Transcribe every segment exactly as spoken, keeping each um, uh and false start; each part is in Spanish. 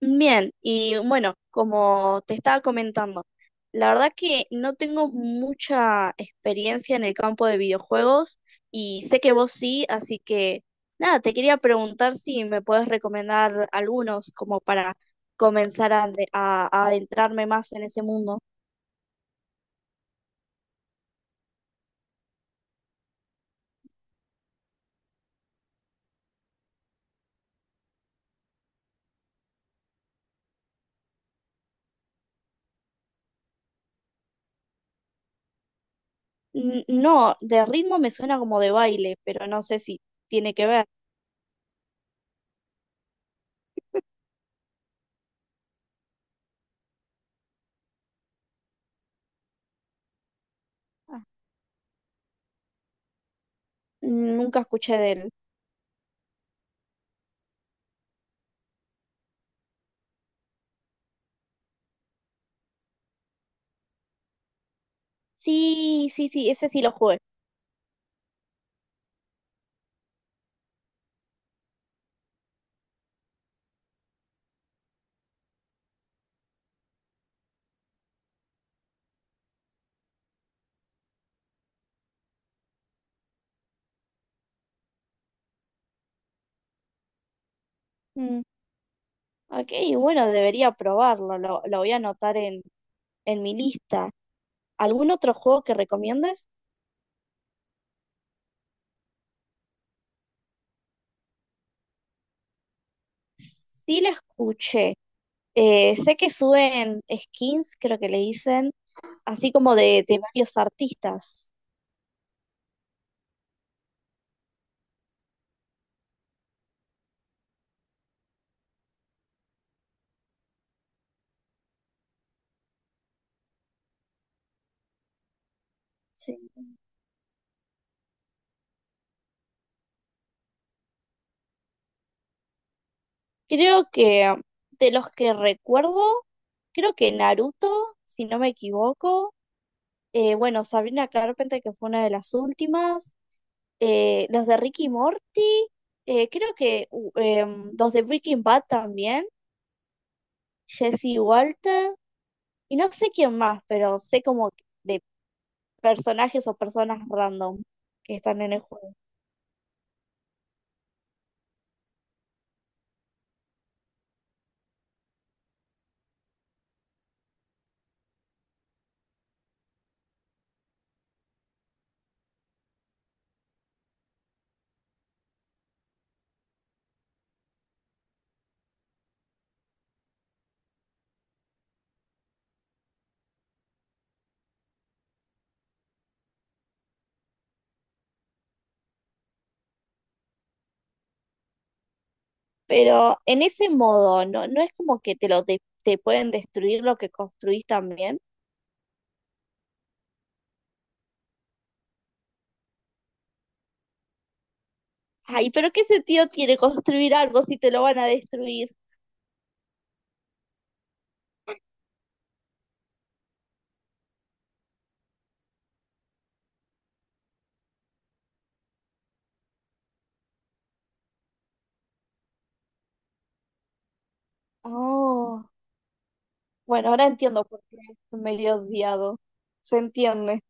Bien, y bueno, como te estaba comentando, la verdad que no tengo mucha experiencia en el campo de videojuegos y sé que vos sí, así que nada, te quería preguntar si me puedes recomendar algunos como para comenzar a, ade- a- a adentrarme más en ese mundo. N- No, de ritmo me suena como de baile, pero no sé si tiene que ver. Ah, nunca escuché de él. Sí, sí, sí, ese sí lo jugué. Ok, bueno, debería probarlo, lo, lo voy a anotar en, en mi lista. ¿Algún otro juego que recomiendas? Sí, lo escuché. Eh, sé que suben skins, creo que le dicen, así como de, de varios artistas. Sí. Creo que de los que recuerdo, creo que Naruto, si no me equivoco. Eh, bueno, Sabrina Carpenter, que fue una de las últimas. Eh, los de Ricky y Morty. Eh, creo que uh, em, los de Breaking Bad también. Jesse Walter y no sé quién más, pero sé como de personajes o personas random que están en el juego. Pero en ese modo, no, no es como que te lo de- te pueden destruir lo que construís también. Ay, pero ¿qué sentido tiene construir algo si te lo van a destruir? Oh, bueno, ahora entiendo por qué es medio odiado. Se entiende.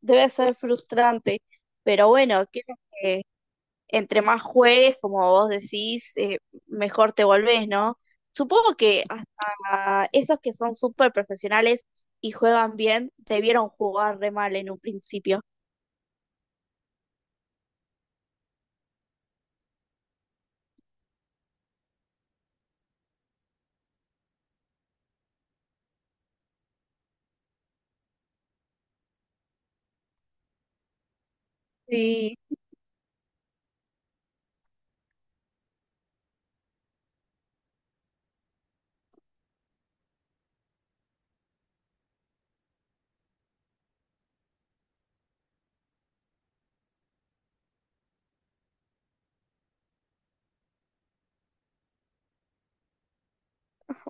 Debe ser frustrante. Pero bueno, creo que entre más juegues, como vos decís, eh, mejor te volvés, ¿no? Supongo que hasta esos que son súper profesionales y juegan bien, debieron jugar re mal en un principio. Sí,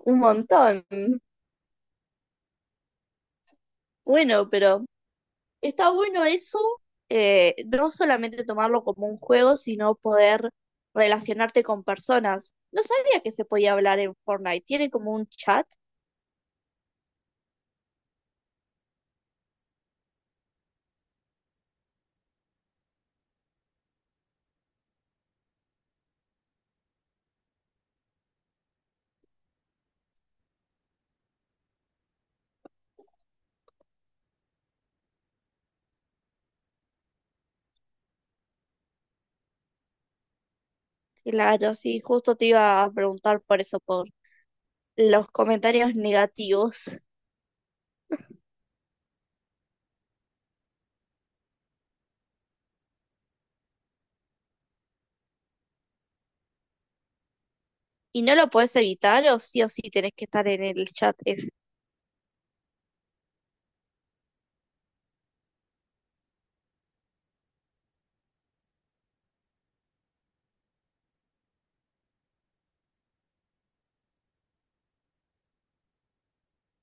un montón. Bueno, pero está bueno eso, eh, no solamente tomarlo como un juego, sino poder relacionarte con personas. No sabía que se podía hablar en Fortnite. ¿Tiene como un chat? Claro, sí, justo te iba a preguntar por eso, por los comentarios negativos y no lo podés evitar o sí o sí tenés que estar en el chat. Es,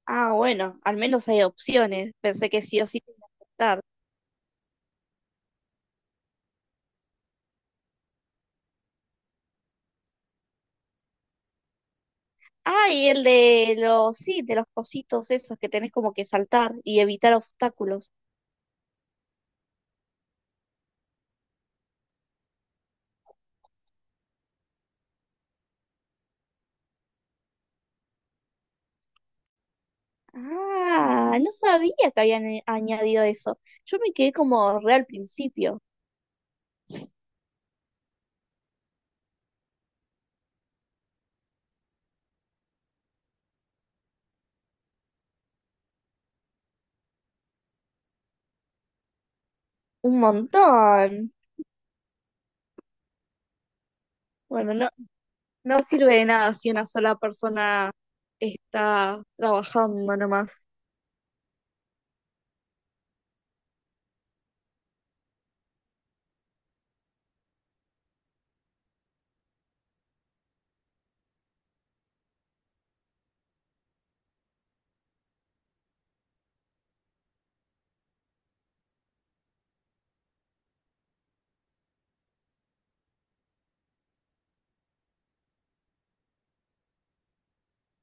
ah, bueno, al menos hay opciones. Pensé que sí o sí tenés que estar. Ah, y el de los, sí, de los cositos esos que tenés como que saltar y evitar obstáculos. Ah, no sabía que habían a- añadido eso. Yo me quedé como re al principio. Un montón. Bueno, no, no sirve de nada si una sola persona está trabajando nomás.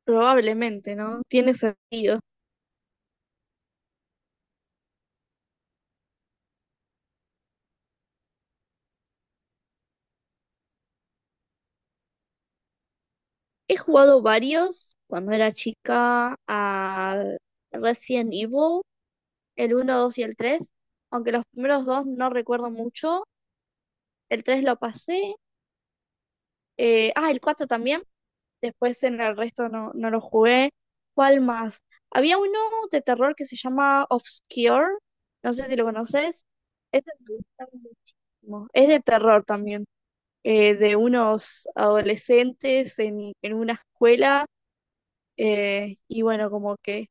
Probablemente, ¿no? Tiene sentido. He jugado varios cuando era chica a Resident Evil, el uno dos y el tres, aunque los primeros dos no recuerdo mucho. El tres lo pasé, eh, ah, el cuatro también, después en el resto no, no lo jugué. ¿Cuál más? Había uno de terror que se llama Obscure, no sé si lo conoces. Este me gusta muchísimo. Es de terror también. Eh, de unos adolescentes en, en una escuela, eh, y bueno, como que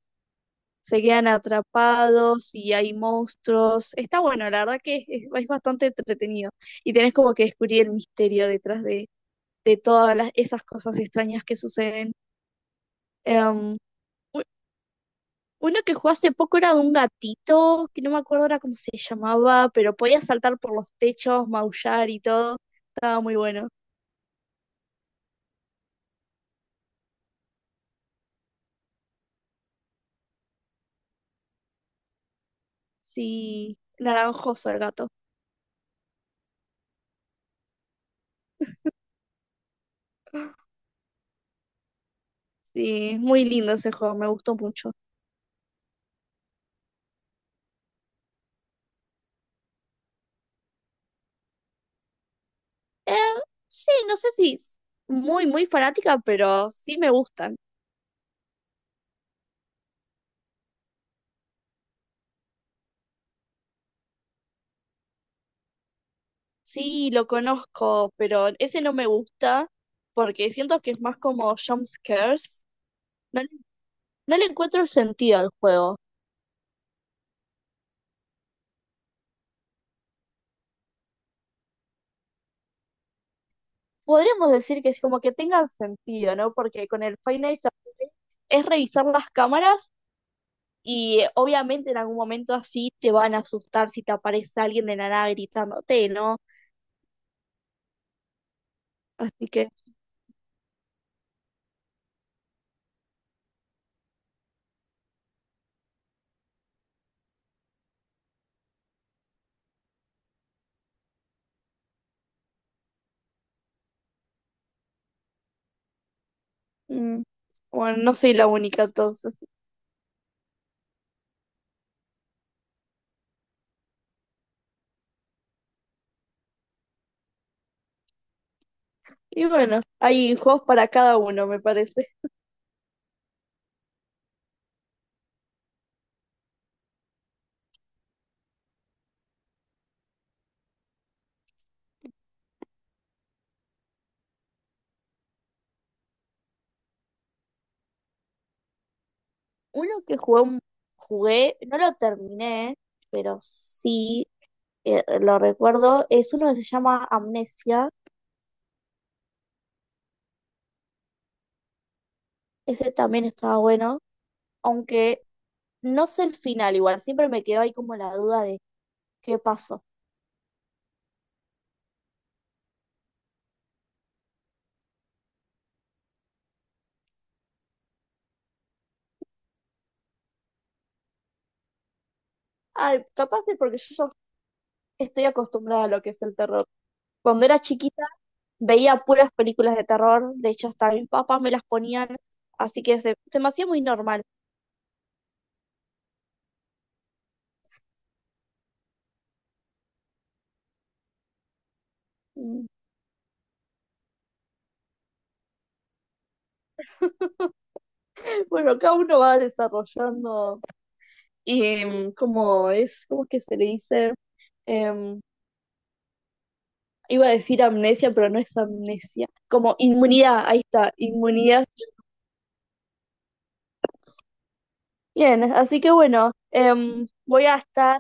se quedan atrapados y hay monstruos. Está bueno, la verdad que es, es- es bastante entretenido y tenés como que descubrir el misterio detrás de, de todas las, esas cosas extrañas que suceden. Em, u- Uno que jugó hace poco era de un gatito, que no me acuerdo ahora cómo se llamaba, pero podía saltar por los techos, maullar y todo. Estaba muy bueno. Sí, naranjoso el gato. Sí, es muy lindo ese juego, me gustó mucho. Eh, sí, no sé si es muy, muy fanática, pero sí me gustan. Sí, lo conozco, pero ese no me gusta porque siento que es más como jump scares. No, le no le encuentro el sentido al juego. Podríamos decir que es como que tenga sentido, ¿no? Porque con el Five Nights at- es revisar las cámaras y eh, obviamente en algún momento así te van a asustar si te aparece alguien de la nada gritándote, ¿no? Así que mm, bueno, no soy la única entonces. Y bueno, hay juegos para cada uno, me parece. Uno que jugué, un- Jugué, no lo terminé, pero sí, eh, lo recuerdo, es uno que se llama Amnesia. Ese también estaba bueno, aunque no sé el final igual, siempre me quedó ahí como la duda de qué pasó. Ay, capaz que porque yo ya estoy acostumbrada a lo que es el terror. Cuando era chiquita veía puras películas de terror, de hecho hasta mis papás me las ponían, así que se, se me hacía muy normal. Mm. Bueno, cada uno va desarrollando em, como es, ¿cómo es que se le dice? Em, Iba a decir amnesia, pero no es amnesia, como inmunidad, ahí está, inmunidad. Bien, así que bueno, em, voy a estar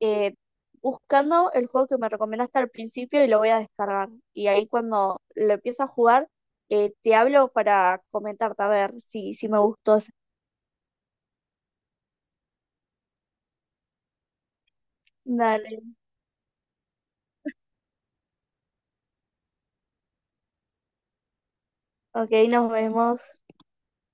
eh, buscando el juego que me recomendaste al principio y lo voy a descargar. Y ahí cuando lo empiece a jugar, eh, te hablo para comentarte a ver si, si me gustó. Dale, ok, nos vemos.